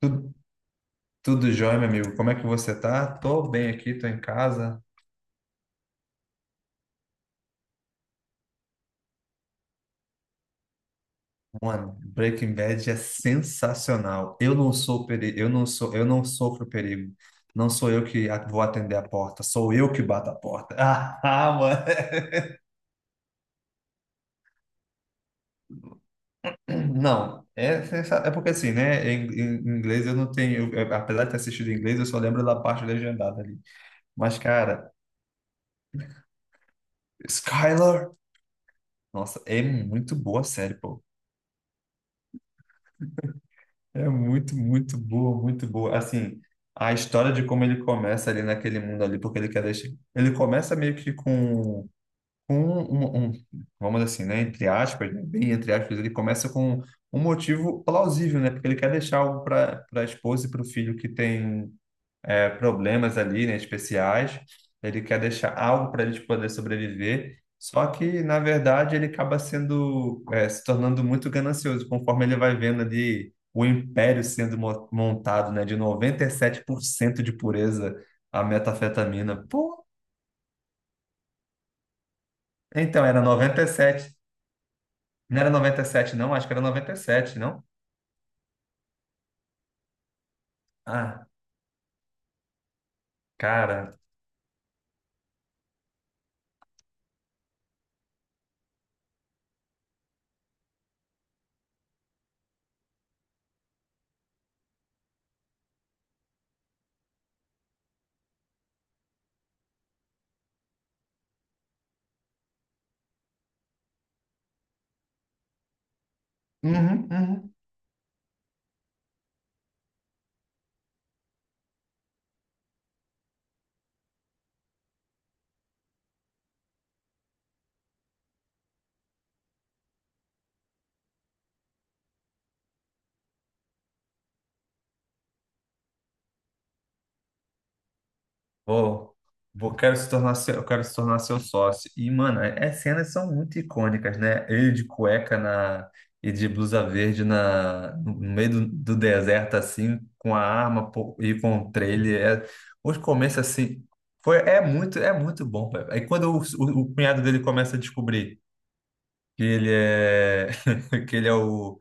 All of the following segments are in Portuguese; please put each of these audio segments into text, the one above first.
Tudo, tudo jóia, meu amigo. Como é que você tá? Tô bem aqui, tô em casa. Mano, Breaking Bad é sensacional. Eu não sou perigo, eu não sofro perigo. Não sou eu que vou atender a porta, sou eu que bato a porta. Ah, ah, mano. Não, é, é porque assim, né? Em inglês eu não tenho, apesar de ter assistido em inglês, eu só lembro da parte legendada ali. Mas, cara, Skylar, nossa, é muito boa a série, pô. É muito, muito boa, muito boa. Assim, a história de como ele começa ali naquele mundo ali, porque ele quer deixar. Ele começa meio que com vamos assim, né? Entre aspas, né, bem entre aspas, ele começa com um motivo plausível, né? Porque ele quer deixar algo para a esposa e para o filho que tem é, problemas ali, né, especiais. Ele quer deixar algo para a gente poder sobreviver. Só que, na verdade, ele acaba sendo, é, se tornando muito ganancioso, conforme ele vai vendo ali o império sendo montado, né, de 97% de pureza a metafetamina. Pô, então era 97. Não era 97, não? Acho que era 97, não? Ah, cara. Uhum, uhum. Vou, vou, quero se tornar seu, eu quero se tornar seu sócio. E, mano, as cenas são muito icônicas, né? Ele de cueca na, e de blusa verde na, no meio do deserto, assim, com a arma pô, e com o trailer. Os começos, assim, é muito bom, velho. Aí quando o cunhado dele começa a descobrir que ele é, que ele é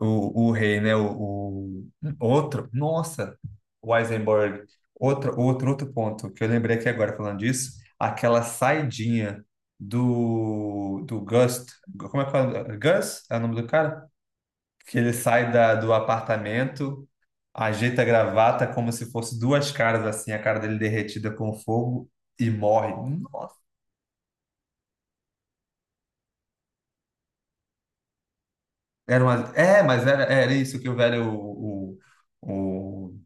o rei, né? Outro, nossa, o Eisenberg. Outro ponto que eu lembrei aqui agora falando disso, aquela saidinha do Gus, como é que fala? Gus é o nome do cara? Que ele sai do apartamento, ajeita a gravata como se fosse duas caras assim, a cara dele derretida com fogo e morre. Nossa, era uma, é, mas era, era isso que o velho, o,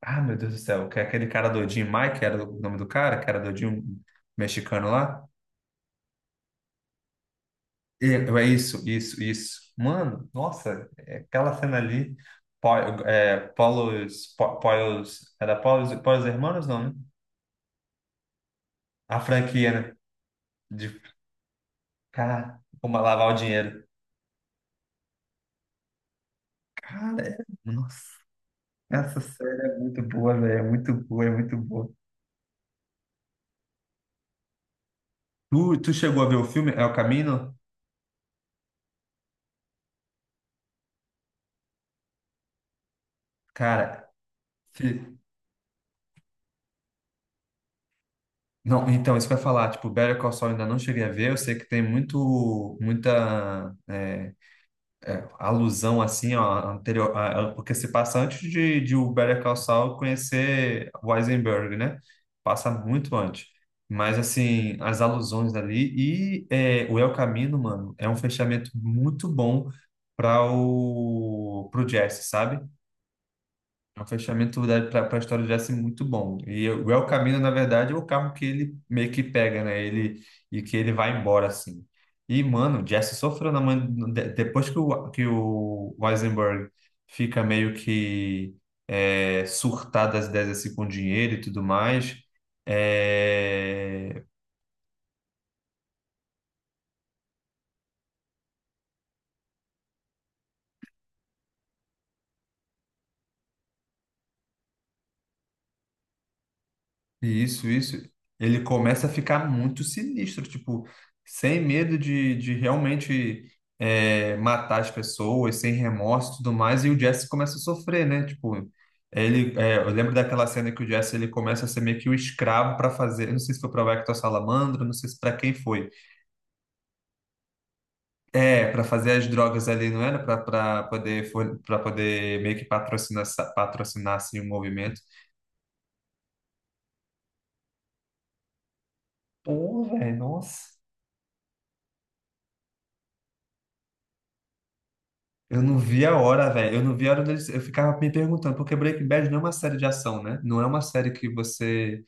ah, meu Deus do céu, que é aquele cara do Jim Mike, que era o nome do cara, que era do Jim mexicano lá. É isso, isso, isso. Mano, nossa, é aquela cena ali, Po- é, Polos, Polos, era Polos, Polos Hermanos, não, né? A franquia, né? De, cara, como lavar o dinheiro. Cara, nossa, essa série é muito boa, velho, é muito boa, é muito boa. Tu chegou a ver o filme El Camino? Cara, Não, então, isso vai falar, tipo, Better Call Saul eu ainda não cheguei a ver, eu sei que tem muito, muita é, alusão, assim, ó, anterior, porque se passa antes de o Better Call Saul conhecer o Heisenberg, né? Passa muito antes. Mas, assim, as alusões ali e é, o El Camino, mano, é um fechamento muito bom para o pro Jesse, sabe? É um fechamento para a história de Jesse muito bom. E o El Camino, na verdade, é o carro que ele meio que pega, né? Ele, e que ele vai embora, assim. E, mano, o Jesse sofreu na mão. Depois que o Weisenberg fica meio que é, surtado das ideias assim, com dinheiro e tudo mais, é. Isso, isso. Ele começa a ficar muito sinistro, tipo, sem medo de realmente é, matar as pessoas, sem remorso e tudo mais, e o Jesse começa a sofrer, né? Tipo, ele, é, eu lembro daquela cena que o Jesse ele começa a ser meio que o escravo para fazer, eu não sei se foi para Vector Salamandra, não sei se para quem foi. É, para fazer as drogas ali, não era? Para poder meio que patrocinar, patrocinar assim, o movimento. Pô, velho, nossa. Eu não vi a hora, velho. Eu não vi a hora deles. Eu ficava me perguntando, porque Breaking Bad não é uma série de ação, né? Não é uma série que você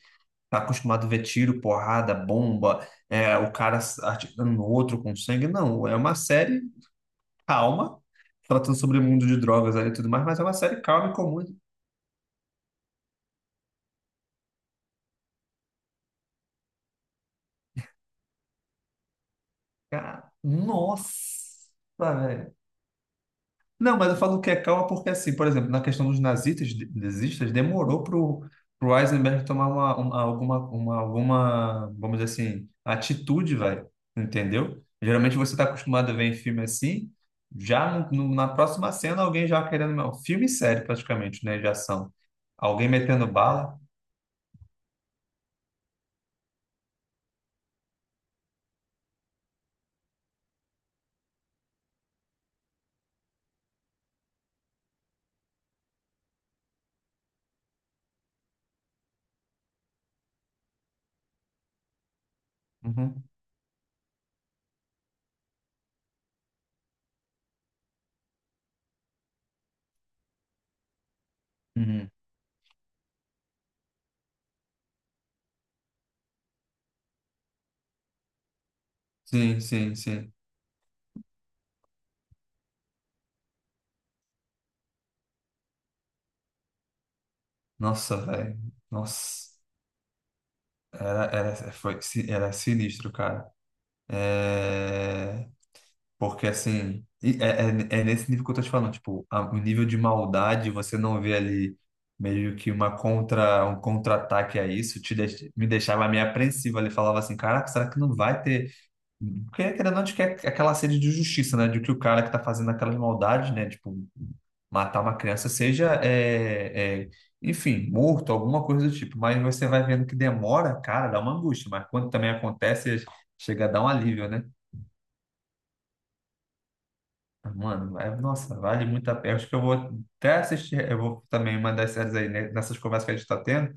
tá acostumado a ver tiro, porrada, bomba, é, o cara atirando no outro com sangue. Não, é uma série calma, tratando sobre o mundo de drogas ali e tudo mais, mas é uma série calma e comum. Cara, nossa, velho. Não, mas eu falo que é calma porque, assim, por exemplo, na questão dos nazistas, nazistas demorou para o Eisenberg tomar alguma, alguma, vamos dizer assim, atitude, velho. Entendeu? Geralmente você está acostumado a ver em filme assim, já na próxima cena alguém já querendo. Não, filme sério, praticamente, né? De ação. Alguém metendo bala. Uhum. Uhum. Sim, sim, sim. Nossa, velho. Nossa. Era, era, foi, si, era sinistro, cara. É... Porque assim, e é, é, é nesse nível que eu tô te falando, tipo, o nível de maldade, você não vê ali meio que um contra-ataque a isso, me deixava meio apreensivo ali, falava assim, caraca, será que não vai ter? Porque querendo ou não, a gente quer aquela sede de justiça, né? De que o cara que tá fazendo aquelas maldades, né? Tipo, matar uma criança, seja, é, é, enfim, morto, alguma coisa do tipo. Mas você vai vendo que demora, cara, dá uma angústia, mas quando também acontece, chega a dar um alívio, né? Mano, nossa, vale muito a pena. Acho que eu vou até assistir. Eu vou também uma das séries aí, né, nessas conversas que a gente está tendo.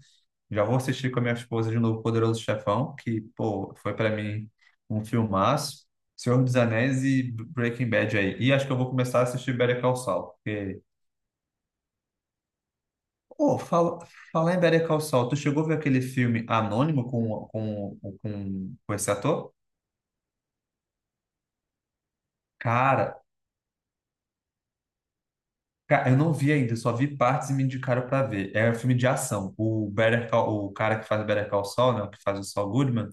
Já vou assistir com a minha esposa de novo Poderoso Chefão, que, pô, foi para mim um filmaço. Senhor dos Anéis e Breaking Bad aí. E acho que eu vou começar a assistir Better Call Saul. Porque, pô, falar em Better Call Saul, tu chegou a ver aquele filme Anônimo com esse ator? Cara, Cara, eu não vi ainda, só vi partes e me indicaram pra ver. É um filme de ação. O cara que faz o Better Call Saul, né, o que faz o Saul Goodman,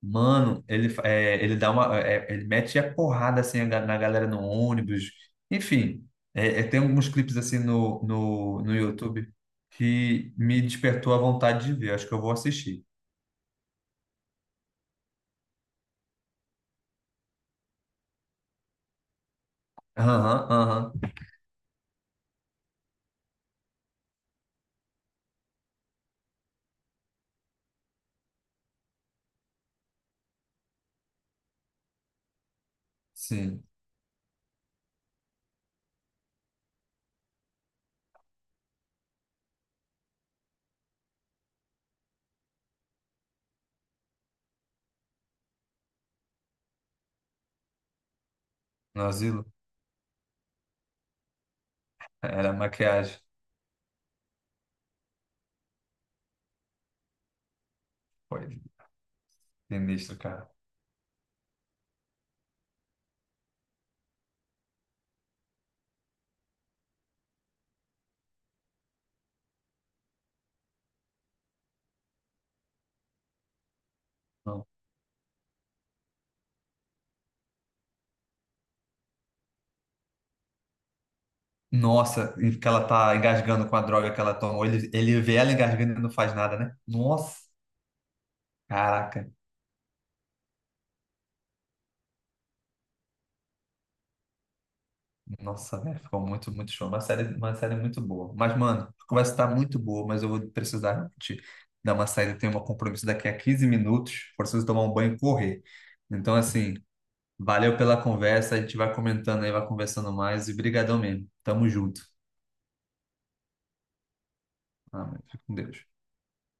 mano, ele, é, ele dá uma, é, ele mete a porrada assim na galera no ônibus. Enfim, é, é, tem alguns clipes assim no YouTube que me despertou a vontade de ver. Acho que eu vou assistir. Aham, aham, sim. No asilo, era maquiagem. Foi sinistro, cara. Não. Nossa, e que ela tá engasgando com a droga que ela tomou. Ele vê ela engasgando e não faz nada, né? Nossa, caraca. Nossa, velho, ficou muito, muito show. Uma série muito boa. Mas, mano, a conversa tá muito boa, mas eu vou precisar te dar uma saída. Eu tenho um compromisso daqui a 15 minutos. Preciso tomar um banho e correr. Então, assim, valeu pela conversa. A gente vai comentando aí, vai conversando mais. E brigadão mesmo. Tamo junto. Amém. Fica com Deus.